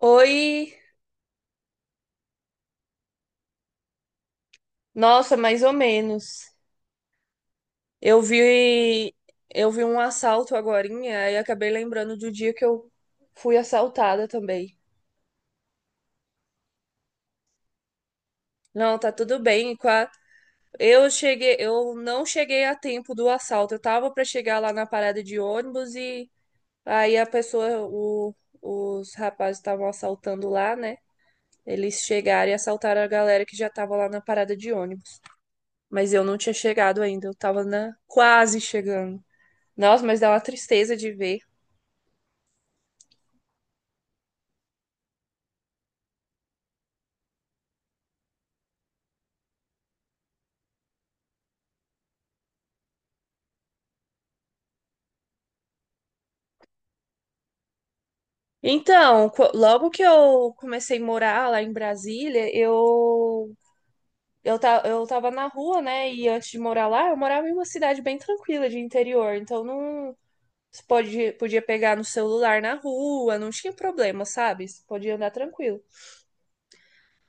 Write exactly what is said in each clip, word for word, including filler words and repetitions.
Oi, nossa, mais ou menos. Eu vi, eu vi um assalto agorinha e acabei lembrando do dia que eu fui assaltada também. Não, tá tudo bem. com a- Eu cheguei, eu não cheguei a tempo do assalto. Eu tava pra chegar lá na parada de ônibus e aí a pessoa, o- os rapazes estavam assaltando lá, né? Eles chegaram e assaltaram a galera que já tava lá na parada de ônibus. Mas eu não tinha chegado ainda, eu tava na quase chegando. Nossa, mas dá uma tristeza de ver. Então, co- logo que eu comecei a morar lá em Brasília, eu eu, ta, eu tava na rua, né? E antes de morar lá, eu morava em uma cidade bem tranquila de interior. Então, não você pode, podia pegar no celular na rua, não tinha problema, sabe? Você podia andar tranquilo.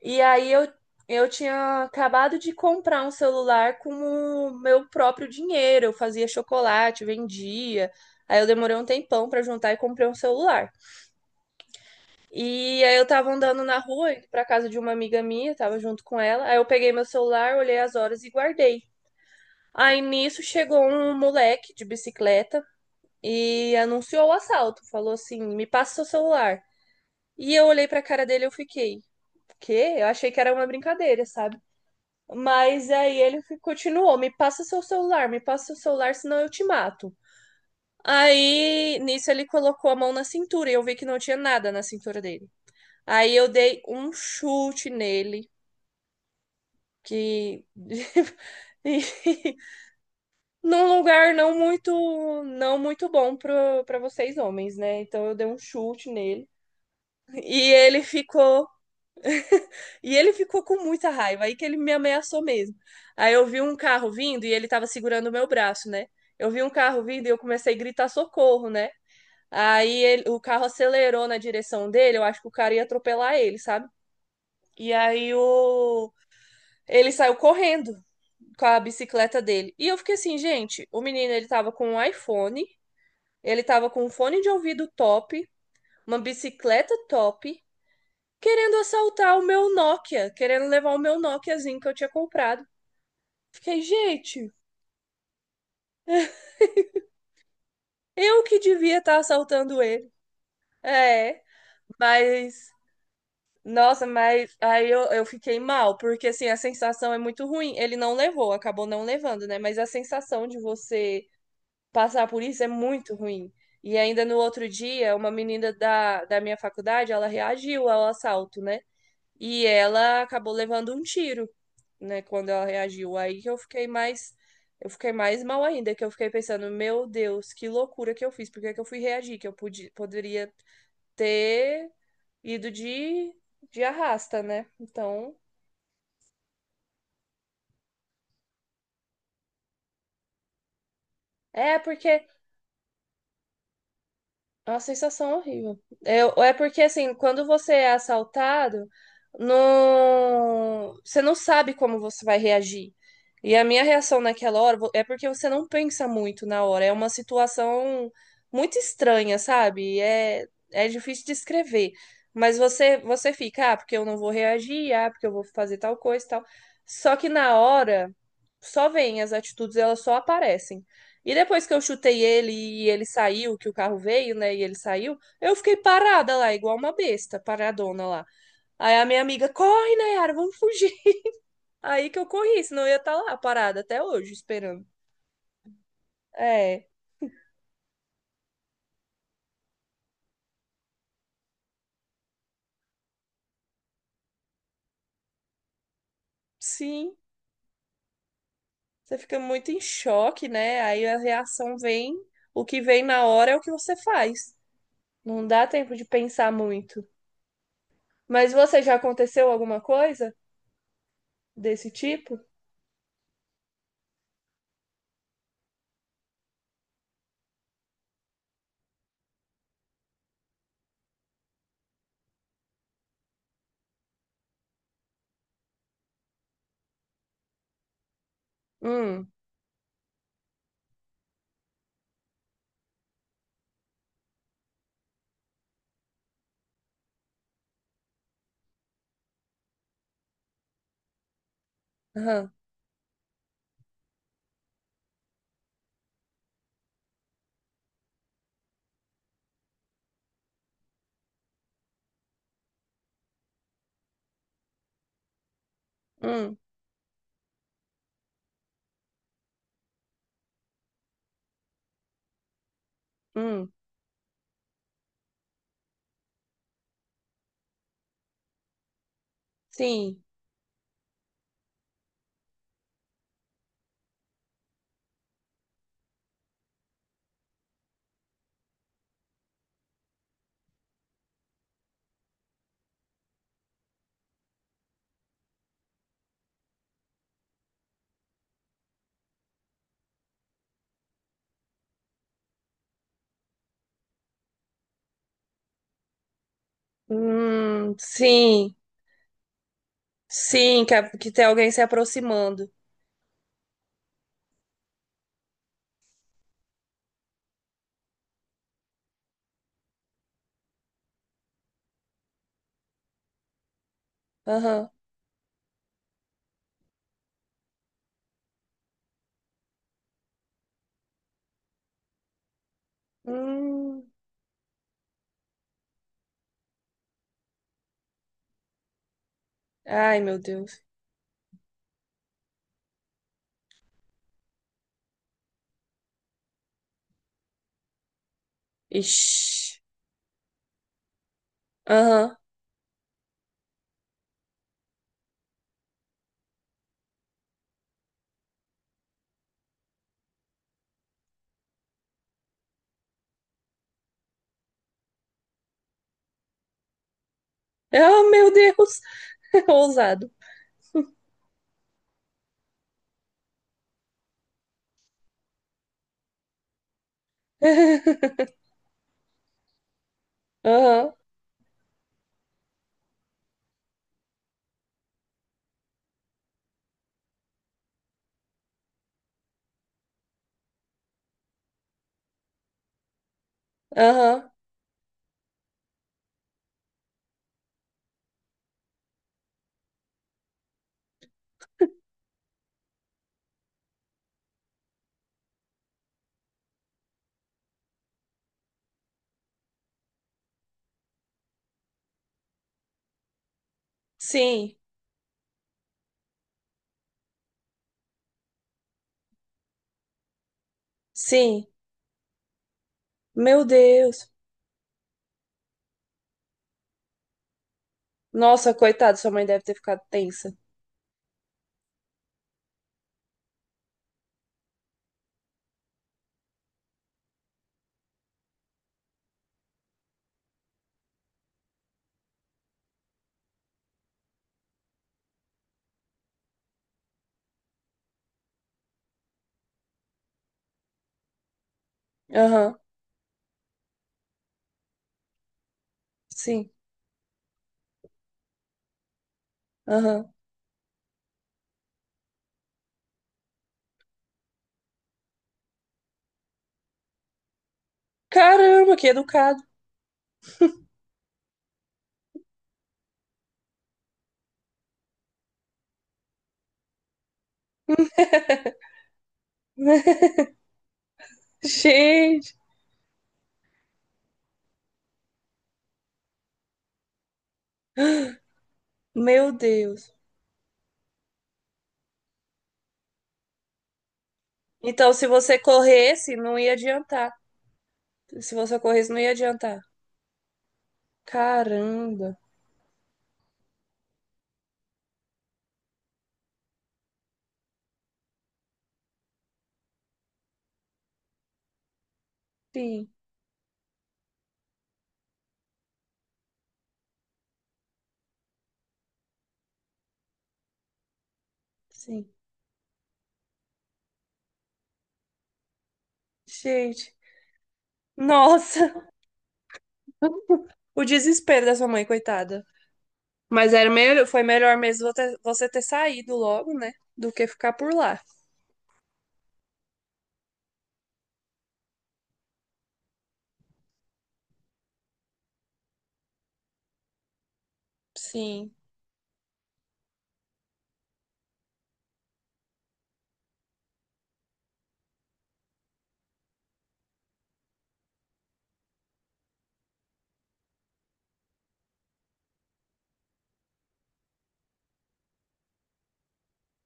E aí eu, eu tinha acabado de comprar um celular com o meu próprio dinheiro. Eu fazia chocolate, vendia. Aí eu demorei um tempão pra juntar e comprei um celular. E aí eu tava andando na rua, indo pra casa de uma amiga minha, tava junto com ela. Aí eu peguei meu celular, olhei as horas e guardei. Aí nisso chegou um moleque de bicicleta e anunciou o assalto. Falou assim: "Me passa seu celular". E eu olhei pra cara dele e eu fiquei: "Quê?". Eu achei que era uma brincadeira, sabe? Mas aí ele fi- continuou: "Me passa seu celular, me passa seu celular, senão eu te mato". Aí nisso ele colocou a mão na cintura e eu vi que não tinha nada na cintura dele. Aí eu dei um chute nele, que e num lugar não muito não muito bom para para vocês homens, né? Então eu dei um chute nele e ele ficou e ele ficou com muita raiva aí que ele me ameaçou mesmo. Aí eu vi um carro vindo e ele tava segurando o meu braço, né? Eu vi um carro vindo e eu comecei a gritar socorro, né? Aí ele- o carro acelerou na direção dele, eu acho que o cara ia atropelar ele, sabe? E aí o Ele saiu correndo com a bicicleta dele. E eu fiquei assim, gente, o menino ele tava com um iPhone, ele tava com um fone de ouvido top, uma bicicleta top, querendo assaltar o meu Nokia, querendo levar o meu Nokiazinho que eu tinha comprado. Fiquei, gente, eu que devia estar assaltando ele. É, mas nossa, mas aí eu, eu fiquei mal, porque assim, a sensação é muito ruim. Ele não levou, acabou não levando, né? Mas a sensação de você passar por isso é muito ruim. E ainda no outro dia, uma menina da, da minha faculdade, ela reagiu ao assalto, né? E ela acabou levando um tiro, né, quando ela reagiu. Aí que eu fiquei mais eu fiquei mais mal ainda, que eu fiquei pensando, meu Deus, que loucura que eu fiz, por que que eu fui reagir? Que eu podia, poderia ter ido de de arrasta, né? Então, é porque É uma sensação horrível. É, é porque, assim, quando você é assaltado, não... você não sabe como você vai reagir. E a minha reação naquela hora vo- é porque você não pensa muito na hora. É uma situação muito estranha, sabe? É, é difícil de escrever. Mas você, você fica, ah, porque eu não vou reagir, ah, porque eu vou fazer tal coisa e tal. Só que na hora, só vem, as atitudes, elas só aparecem. E depois que eu chutei ele e ele saiu, que o carro veio, né? E ele saiu, eu fiquei parada lá, igual uma besta, paradona lá. Aí a minha amiga, corre, Nayara, vamos fugir. Aí que eu corri, senão eu ia estar lá parada até hoje, esperando. É, sim, você fica muito em choque, né? Aí a reação vem, o que vem na hora é o que você faz. Não dá tempo de pensar muito. Mas você já aconteceu alguma coisa desse tipo? Hum, aham, hum, hum, sim. Hum, Sim, sim, que, a- que tem alguém se aproximando. Aham. Hum. Ai, meu Deus. Ixi. Aham. Ah, meu Deus. Ousado. Aham, aham. Sim, sim. Meu Deus. Nossa, coitado, sua mãe deve ter ficado tensa. Aham, sim, aham. Caramba, que educado. Gente, meu Deus. Então, se você corresse, não ia adiantar. Se você corresse, não ia adiantar. Caramba. Sim, sim. Gente. Nossa. O desespero da sua mãe, coitada. Mas era melhor, foi melhor mesmo você- você ter saído logo, né? Do que ficar por lá. Sim.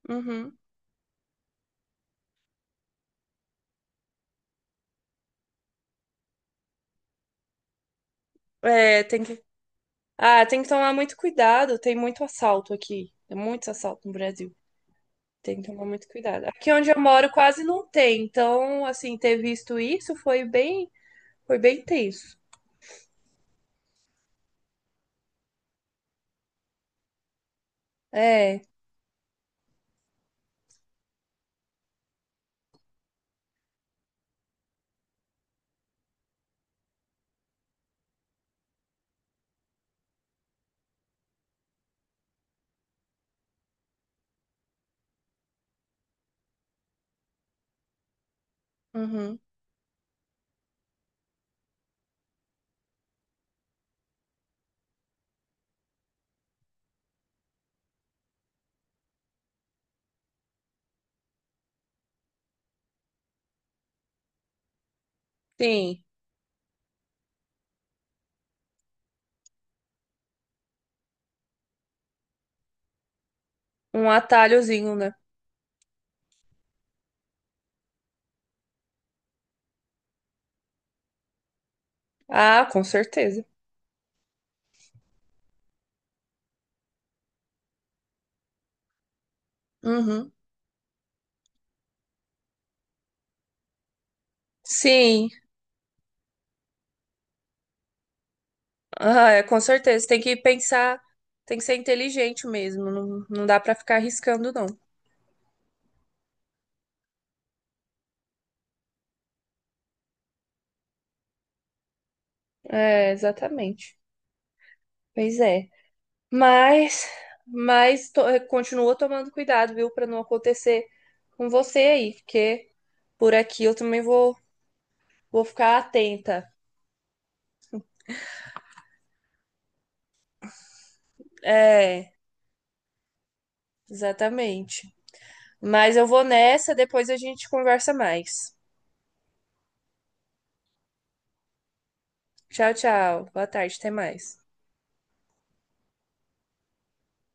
Uhum. É, tem que. Ah, tem que tomar muito cuidado. Tem muito assalto aqui. Tem muito assalto no Brasil. Tem que tomar muito cuidado. Aqui onde eu moro quase não tem. Então, assim, ter visto isso foi bem, foi bem tenso. É. Uhum. Sim. Um atalhozinho, né? Ah, com certeza. Uhum. Sim, ah, é, com certeza. Tem que pensar, tem que ser inteligente mesmo. Não, não dá pra ficar arriscando, não. É, exatamente. Pois é. Mas, mas to- continua tomando cuidado, viu, pra não acontecer com você aí, porque por aqui eu também vou, vou ficar atenta. É, exatamente. Mas eu vou nessa, depois a gente conversa mais. Tchau, tchau. Boa tarde, até mais.